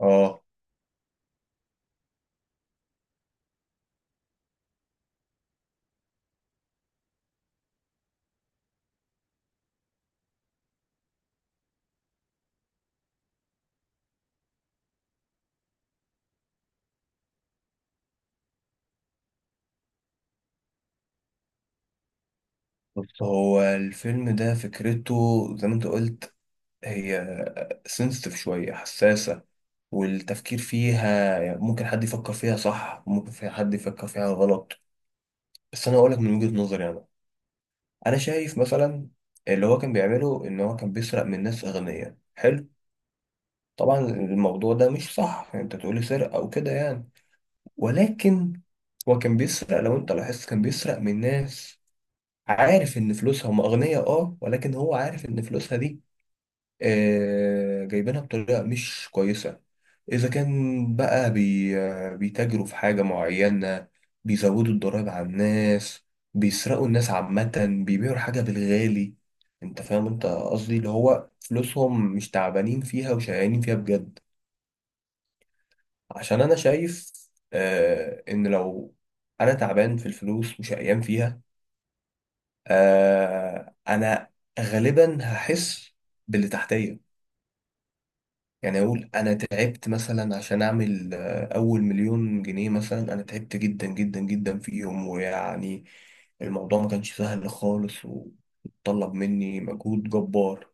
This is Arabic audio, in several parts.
اه، بص هو الفيلم ده فكرته زي ما انت قلت. هي سنسيتيف، شوية حساسة، والتفكير فيها يعني ممكن حد يفكر فيها صح، ممكن فيها حد يفكر فيها غلط. بس انا اقولك من وجهة نظري انا. انا شايف مثلا اللي هو كان بيعمله ان هو كان بيسرق من ناس اغنياء، حلو. طبعا الموضوع ده مش صح يعني انت تقولي سرقة او كده يعني، ولكن هو كان بيسرق، لو انت لاحظت، كان بيسرق من ناس عارف ان فلوسها هم اغنياء، اه، ولكن هو عارف ان فلوسها دي جايبينها بطريقة مش كويسة. إذا كان بقى بي آه، بيتاجروا في حاجة معينة، بيزودوا الضرايب على الناس، بيسرقوا الناس عامة، بيبيعوا الحاجة بالغالي. أنت فاهم أنت قصدي؟ اللي هو فلوسهم مش تعبانين فيها وشقيانين فيها بجد. عشان أنا شايف إن لو أنا تعبان في الفلوس وشقيان فيها، أنا غالبا هحس باللي تحتية. يعني اقول انا تعبت مثلا عشان اعمل اول 1,000,000 جنيه مثلا، انا تعبت جدا جدا جدا فيهم، ويعني الموضوع ما كانش سهل خالص وطلب مني مجهود جبار.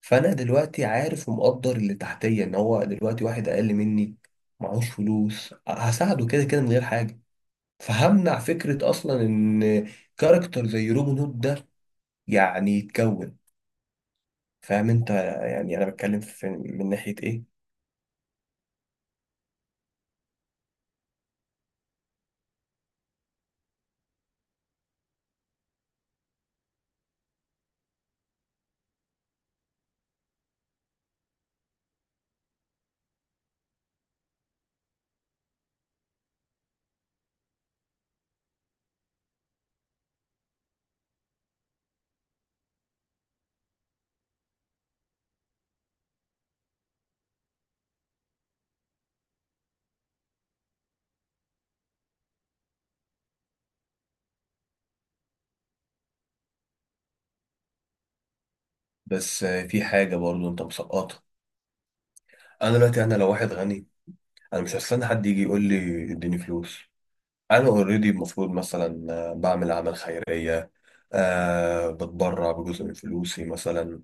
فانا دلوقتي عارف ومقدر اللي تحتيه، ان هو دلوقتي واحد اقل مني معهوش فلوس، هساعده كده كده من غير حاجه. فهمنع فكره اصلا ان كاركتر زي روبن هود ده يعني يتكون. فاهم انت؟ يعني انا بتكلم في من ناحيه ايه. بس في حاجة برضو انت مسقطها. انا دلوقتي انا لو واحد غني، انا مش هستنى حد يجي يقول لي اديني فلوس. انا اوريدي المفروض مثلا بعمل اعمال خيرية، بتبرع بجزء من فلوسي مثلا،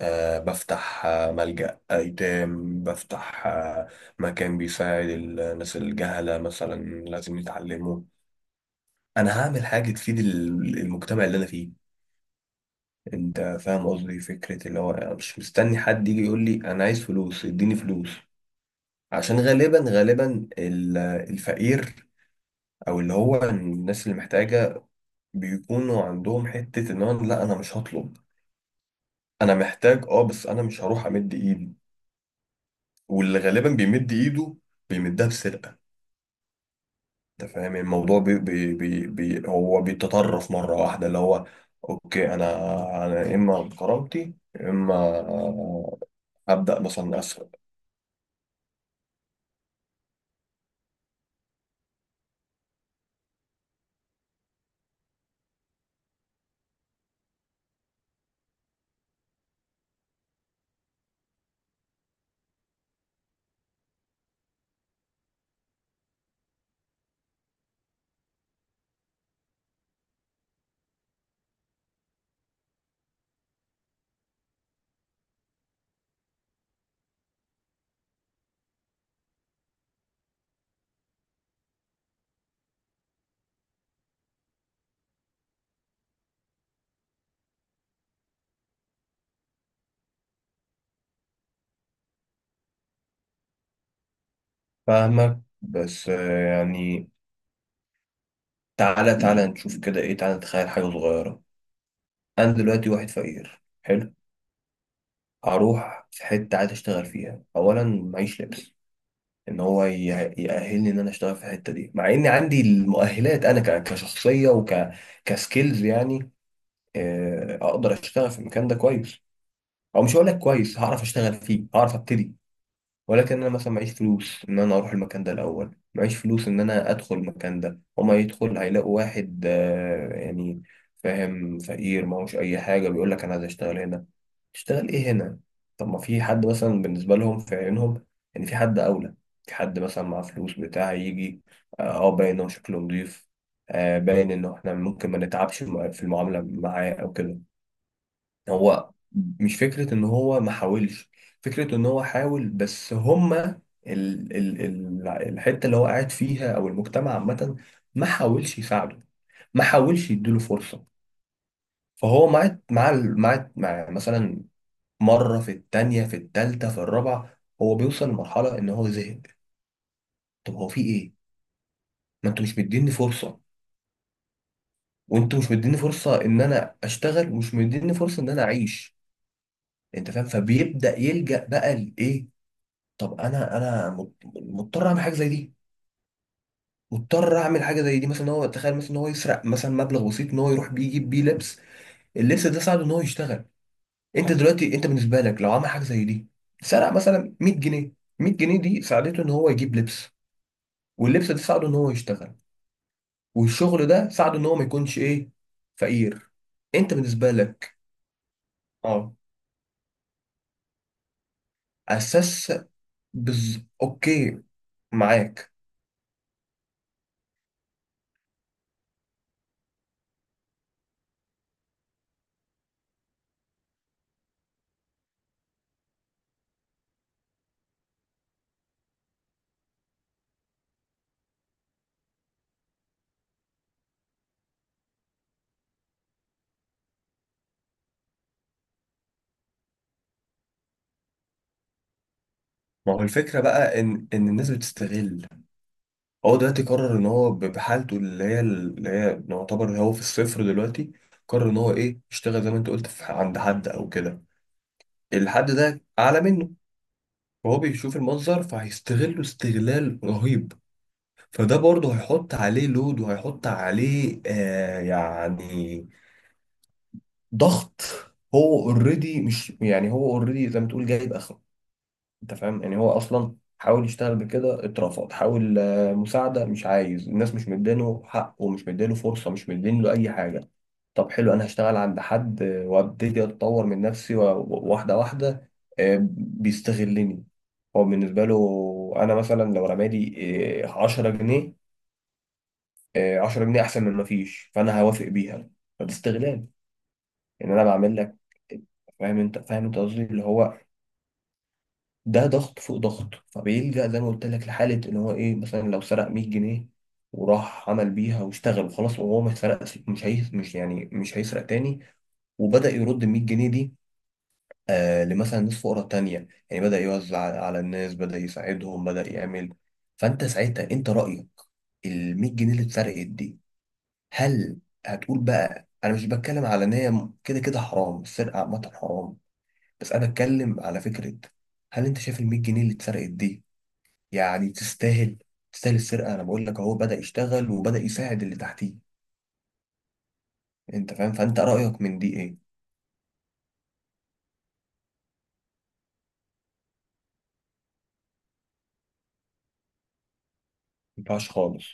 بفتح ملجأ أيتام، بفتح مكان بيساعد الناس الجهلة مثلا، لازم يتعلموا. أنا هعمل حاجة تفيد المجتمع اللي أنا فيه. أنت فاهم قصدي؟ فكرة اللي هو أنا مش مستني حد يجي يقول لي أنا عايز فلوس اديني فلوس. عشان غالبا غالبا الفقير او اللي هو الناس اللي محتاجه بيكونوا عندهم حته ان هو، لا انا مش هطلب، انا محتاج اه، بس انا مش هروح امد ايدي. واللي غالبا بيمد ايده بيمدها بسرقه. انت فاهم؟ يعني الموضوع بي بي بي بي هو بيتطرف مره واحده، اللي هو اوكي، انا اما بكرامتي يا اما ابدا مثلا اسرق. فاهمك، بس يعني تعالى تعالى نشوف كده ايه، تعالى نتخيل حاجه صغيره. انا دلوقتي واحد فقير، حلو. هروح في حته عايز اشتغل فيها، اولا معيش لبس ان هو يأهلني ان انا اشتغل في الحته دي، مع اني عندي المؤهلات انا كشخصيه كسكيلز يعني. اقدر اشتغل في المكان ده كويس. او مش هقول لك كويس، هعرف اشتغل فيه، هعرف ابتدي. ولكن انا مثلا معيش فلوس ان انا اروح المكان ده الاول، معيش فلوس ان انا ادخل المكان ده. هما يدخل هيلاقوا واحد يعني فاهم فقير ما هوش اي حاجه بيقول لك انا عايز اشتغل هنا. اشتغل ايه هنا؟ طب ما في حد مثلا بالنسبه لهم في عينهم ان في حد اولى، في حد مثلا معاه فلوس بتاع يجي، باين انه شكله نضيف، باين انه احنا ممكن ما نتعبش في المعامله معاه او كده. هو مش فكره ان هو ما حاولش، فكره ان هو حاول، بس هما ال ال ال الحته اللي هو قاعد فيها او المجتمع عامه ما حاولش يساعده، ما حاولش يديله فرصه. فهو مع مع مع مع مثلا مرة، في التانية، في التالتة، في الرابعة، هو بيوصل لمرحلة إن هو زهق. طب هو في إيه؟ ما أنتوا مش مديني فرصة، وأنتوا مش مديني فرصة إن أنا أشتغل، ومش مديني فرصة إن أنا أعيش. أنت فاهم؟ فبيبدأ يلجأ بقى لإيه؟ طب أنا مضطر أعمل حاجة زي دي. مضطر أعمل حاجة زي دي مثلا، إن هو تخيل مثلا إن هو يسرق مثلا مبلغ بسيط، إن هو يروح بيه يجيب بيه لبس. اللبس ده ساعده إن هو يشتغل. أنت دلوقتي أنت بالنسبة لك لو عمل حاجة زي دي، سرق مثلا 100 جنيه، 100 جنيه دي ساعدته إن هو يجيب لبس، واللبس ده ساعده ان هو يشتغل، والشغل ده ساعده ان هو ما يكونش ايه، فقير. انت بالنسبه لك؟ اه. اساس. اوكي، معاك. ما هو الفكره بقى ان الناس بتستغل. هو دلوقتي قرر ان هو بحالته، اللي هي يعتبر هو في الصفر دلوقتي، قرر ان هو ايه، يشتغل زي ما انت قلت في عند حد او كده. الحد ده اعلى منه، وهو بيشوف المنظر فهيستغله استغلال رهيب. فده برضه هيحط عليه لود، وهيحط عليه يعني ضغط. هو اوريدي مش يعني، هو اوريدي زي ما تقول جايب اخره. انت فاهم؟ يعني هو اصلا حاول يشتغل بكده، اترفض، حاول مساعدة، مش عايز، الناس مش مدينه حق، ومش مدينه فرصة، مش مدين له اي حاجة. طب حلو، انا هشتغل عند حد، وابتدي اتطور من نفسي، واحدة واحدة. بيستغلني. هو بالنسبة له أنا مثلا لو رمالي عشرة جنيه، 10 جنيه احسن من ما فيش، فانا هوافق بيها. فده استغلال ان انا بعمل لك. فاهم انت؟ قصدي اللي هو ده ضغط فوق ضغط، فبيلجأ زي ما قلت لك لحالة ان هو ايه، مثلا لو سرق 100 جنيه وراح عمل بيها واشتغل وخلاص، وهو ما سرقش، مش هي، مش يعني مش هيسرق تاني. وبدأ يرد ال 100 جنيه دي لمثلا ناس فقراء تانية، يعني بدأ يوزع على الناس، بدأ يساعدهم، بدأ يعمل. فانت ساعتها انت رأيك ال 100 جنيه اللي اتسرقت دي، هل هتقول بقى؟ انا مش بتكلم على ان هي كده كده حرام، السرقه عامه حرام، بس انا بتكلم على فكره. هل انت شايف ال 100 جنيه اللي اتسرقت دي يعني تستاهل، تستاهل السرقه؟ انا بقول لك اهو بدا يشتغل وبدا يساعد اللي تحتيه. انت فاهم؟ فانت رايك من دي ايه؟ ما ينفعش خالص.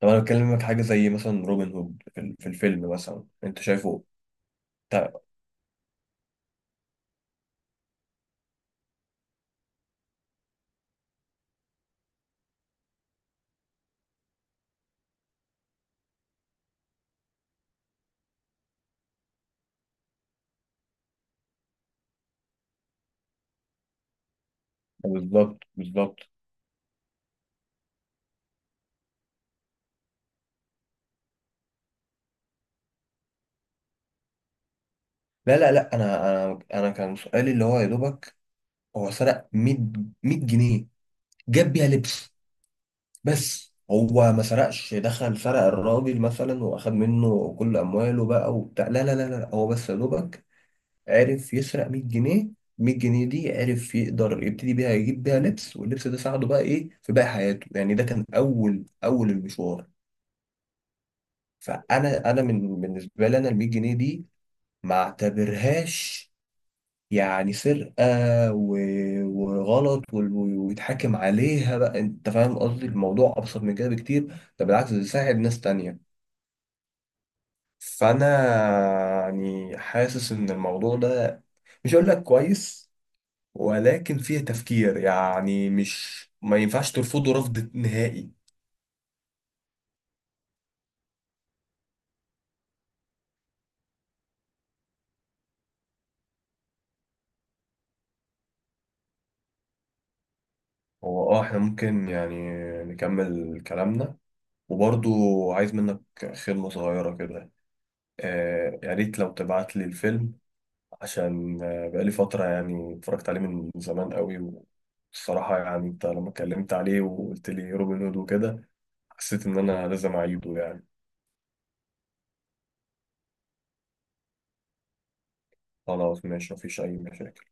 طب انا بكلمك حاجه زي مثلا روبن هود في في الفيلم مثلا، انت شايفه؟ طيب، بالظبط بالظبط. لا لا لا، انا كان سؤالي اللي هو يا دوبك هو سرق 100، 100 جنيه، جاب بيها لبس. بس هو ما سرقش، دخل سرق الراجل مثلا واخد منه كل امواله بقى وبتاع؟ لا لا لا لا، هو بس يا دوبك عرف يسرق 100 جنيه. 100 جنيه دي عرف يقدر يبتدي بيها، يجيب بيها لبس، واللبس ده ساعده بقى ايه في باقي حياته يعني، ده كان اول اول المشوار. فانا من بالنسبه لي انا ال 100 جنيه دي ما اعتبرهاش يعني سرقه، وغلط، ويتحاكم عليها بقى. انت فاهم قصدي؟ الموضوع ابسط من كده بكتير، ده بالعكس ده يساعد ناس تانية. فانا يعني حاسس ان الموضوع ده مش هقول لك كويس، ولكن فيه تفكير، يعني مش ما ينفعش ترفضه رفض نهائي. هو اه احنا ممكن يعني نكمل كلامنا، وبرضو عايز منك خدمة صغيرة كده. يا ريت لو تبعت لي الفيلم، عشان بقالي فترة يعني اتفرجت عليه من زمان قوي. والصراحة يعني انت لما اتكلمت عليه وقلت لي روبن هود وكده، حسيت ان انا لازم اعيده يعني. خلاص، ماشي، مفيش أي مشاكل.